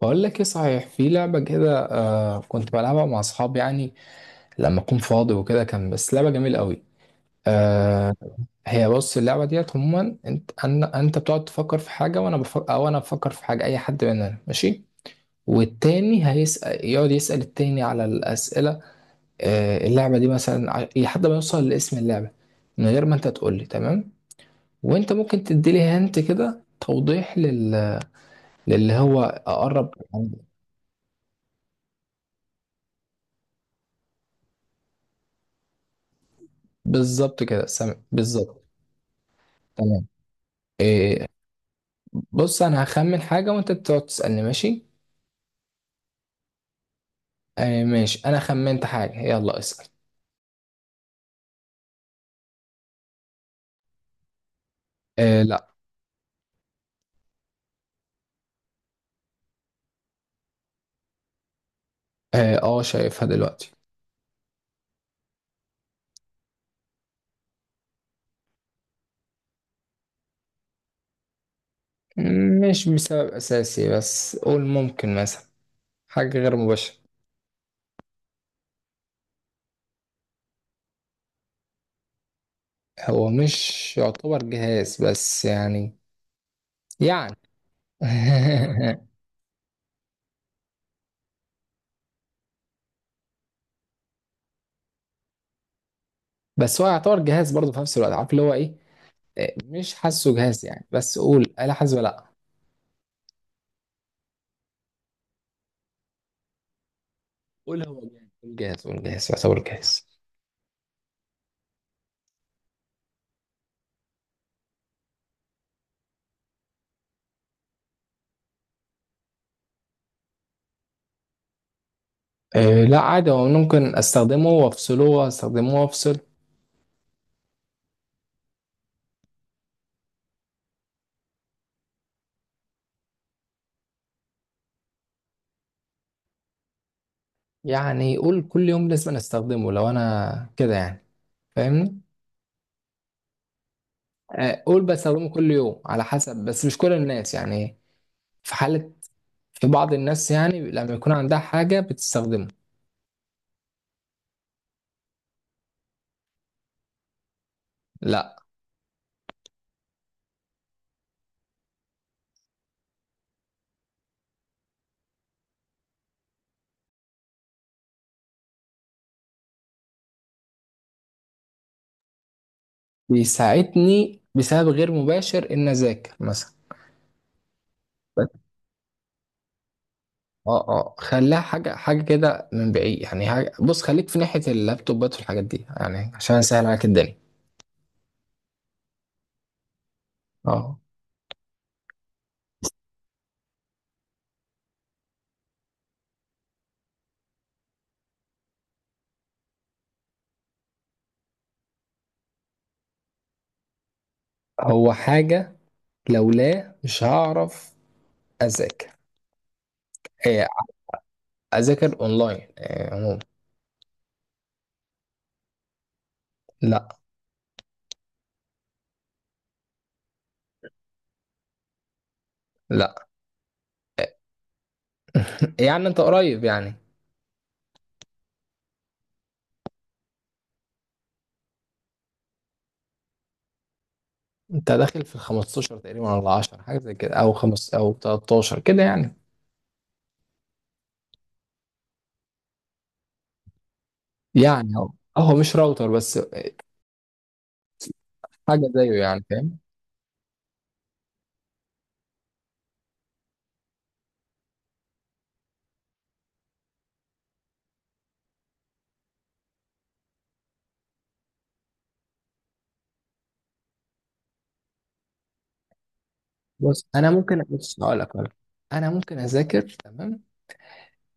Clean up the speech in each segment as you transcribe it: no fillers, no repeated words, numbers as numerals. بقول لك ايه، صحيح في لعبة كده. آه، كنت بلعبها مع اصحابي يعني لما اكون فاضي وكده. كان بس لعبة جميلة قوي. آه. هي بص، اللعبة ديت عموما انت بتقعد تفكر في حاجة وانا بفكر، او انا بفكر في حاجة، اي حد مننا ماشي، والتاني هيسأل، يقعد يسأل التاني على الأسئلة. آه، اللعبة دي مثلا لحد ما يوصل لاسم اللعبة، من غير ما انت تقول لي. تمام. وانت ممكن تدي لي هنت كده توضيح للي هو اقرب. بالظبط كده، سامع، بالظبط. تمام. بص، انا هخمن حاجة وانت بتقعد تسألني، ماشي؟ آه ماشي، انا خمنت حاجة، يلا اسأل. آه لا. اه آه، شايفها دلوقتي. مش بسبب اساسي، بس قول ممكن مثلا حاجة غير مباشرة. هو مش يعتبر جهاز بس يعني، يعني. بس هو يعتبر جهاز برضه في نفس الوقت، عارف اللي هو ايه؟ آه، مش حاسه جهاز يعني، بس قول آلة حاسبة لا. قول هو جهاز، قول جهاز، قول جهاز يعتبر جهاز. آه لا، عادي، هو ممكن استخدمه وافصله واستخدمه وافصل. يعني قول كل يوم لازم أنا استخدمه، لو انا كده يعني، فاهمني؟ آه، قول بستخدمه كل يوم على حسب، بس مش كل الناس يعني، في حالة. في بعض الناس يعني لما يكون عندها حاجة بتستخدمه. لا. بيساعدني بسبب غير مباشر ان اذاكر مثلا. بس. اه اه، خليها حاجة حاجة كده من بعيد يعني. حاجة، بص، خليك في ناحية اللابتوبات والحاجات دي يعني، عشان اسهل عليك الدنيا. اه. هو حاجة لولا مش هعرف اذاكر، اذاكر اونلاين آه، عموما. لا. لا. يعني انت قريب يعني. انت داخل في ال 15 تقريبا، ولا 10، حاجه زي كده، او خمس او 13 كده يعني. يعني هو، مش راوتر بس، حاجه زيه يعني، فاهم؟ بص انا ممكن، بص هقول لك. انا ممكن اذاكر، تمام؟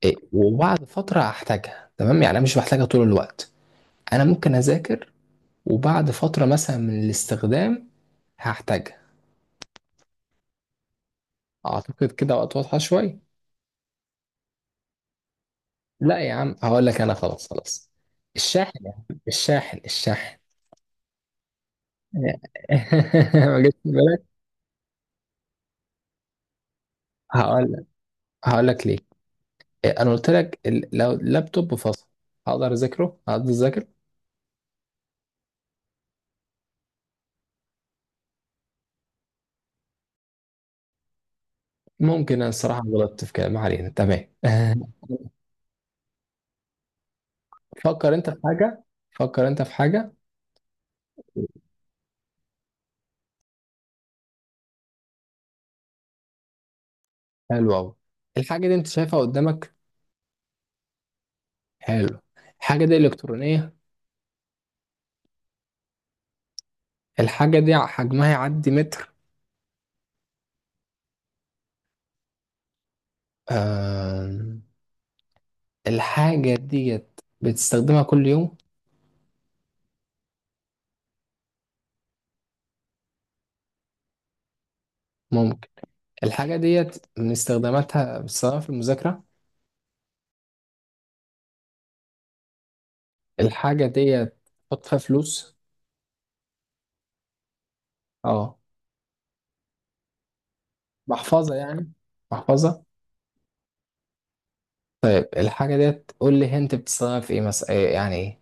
إيه، وبعد فتره احتاجها، تمام؟ يعني انا مش بحتاجها طول الوقت، انا ممكن اذاكر، وبعد فتره مثلا من الاستخدام هحتاجها. اعتقد كده وقت واضحه شويه. لا يا عم، هقول لك، انا خلاص، خلاص. الشاحن يا عم، الشاحن، الشاحن. ما جتش في بالك. هقول لك، هقول لك ليه. انا قلت لك لو اللابتوب فصل هقدر اذاكره، هقدر اذاكر. ممكن انا الصراحه غلطت في كلام، ما علينا، تمام. فكر انت في حاجه، فكر انت في حاجه. حلوه قوي. الحاجه دي انت شايفها قدامك؟ حلو. الحاجه دي الكترونيه؟ الحاجه دي حجمها يعدي متر؟ آم، الحاجه ديت بتستخدمها كل يوم؟ الحاجة ديت من استخداماتها بستخدمها في المذاكرة؟ الحاجة ديت بحط فيها فلوس؟ اه، محفظة يعني، محفظة. طيب الحاجة ديت قول لي انت بتستخدمها في ايه مثلا، إيه يعني، ايه؟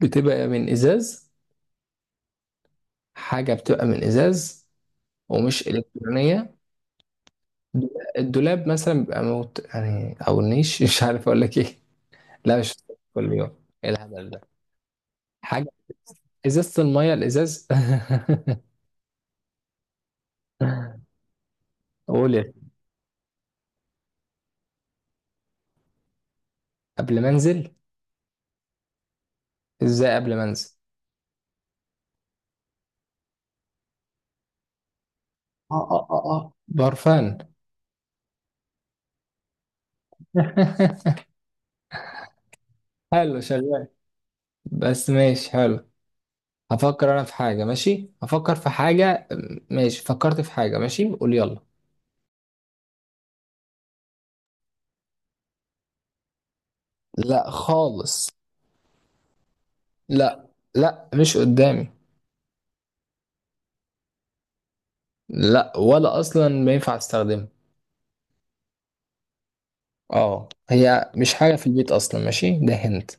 بتبقى من ازاز؟ حاجة بتبقى من ازاز ومش الكترونية. الدولاب مثلا بيبقى موت يعني، او النيش. مش عارف اقول لك ايه. لا مش كل يوم، ايه الهبل ده. حاجة، ازازة المية، الازاز. قول سيدي. قبل ما انزل؟ ازاي قبل ما انزل؟ اه برفان. حلو، شغال. بس ماشي، حلو. هفكر انا في حاجة، ماشي هفكر في حاجة. ماشي، فكرت في حاجة، ماشي قول، يلا. لا خالص. لا. لا، مش قدامي. لا، ولا اصلا ما ينفع استخدمها. اه، هي مش حاجة في البيت اصلا، ماشي، ده هنت.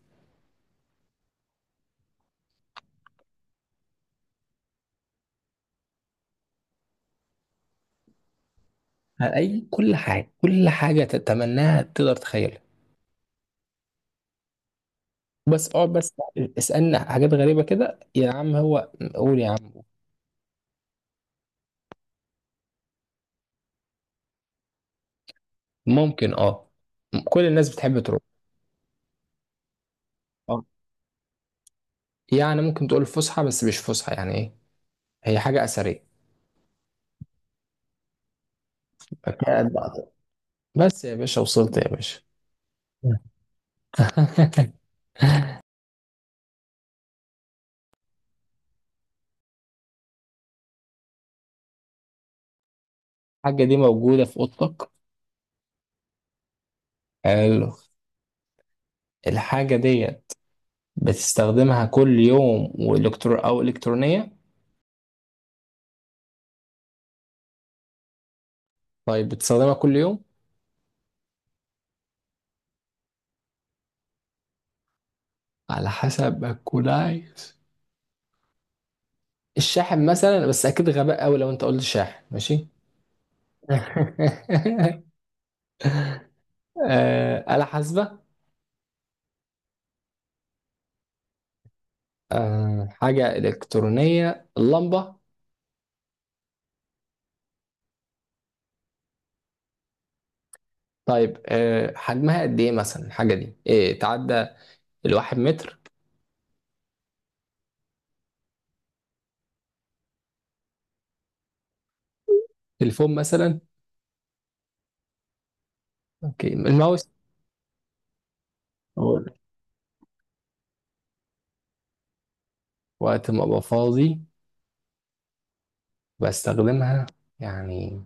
اي، كل حاجة، كل حاجة تتمناها تقدر تخيلها. بس اقعد بس. اسألنا حاجات غريبة كده يا عم، هو قول يا عم. ممكن، اه، كل الناس بتحب تروح. اه يعني ممكن تقول فسحة، بس مش فسحة يعني، ايه. هي حاجة أثرية. قاعد بقى. بس يا باشا، وصلت يا باشا. الحاجة دي موجودة في أوضتك؟ حلو. الحاجة دي بتستخدمها كل يوم وإلكترو أو إلكترونية؟ طيب بتستخدمها كل يوم؟ على حسب ما تكون عايز. الشاحن مثلا، بس أكيد غباء أوي لو أنت قلت شاحن، ماشي. آه، آلة حاسبة. آه، حاجة إلكترونية، اللمبة. طيب آه، حجمها قد إيه مثلا الحاجة دي؟ إيه، تعدى الواحد متر؟ تليفون مثلا؟ أوكي، الماوس. أقول وقت ما أبقى فاضي بستخدمها يعني،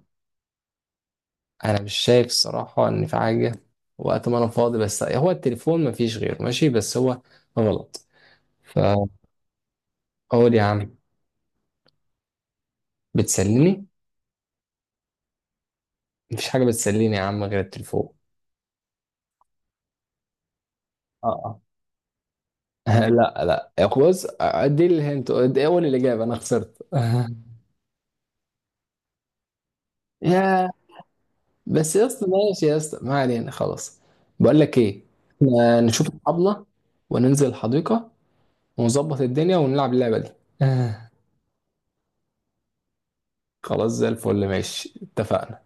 أنا مش شايف الصراحة إن في حاجة وقت ما أنا فاضي بس هو التليفون، مفيش غيره، ماشي، بس هو غلط فأقول. يا عم، بتسليني؟ مفيش حاجة بتسليني يا عم غير التليفون. اه. لا، لا بص، دي الهنت، دي اول الاجابه، انا خسرت. يا، بس يا اسطى، ماشي يا اسطى، ما علينا خلاص. بقول لك ايه، إحنا نشوف الطبله وننزل الحديقه ونظبط الدنيا ونلعب اللعبه دي. خلاص، زي الفل، ماشي، اتفقنا.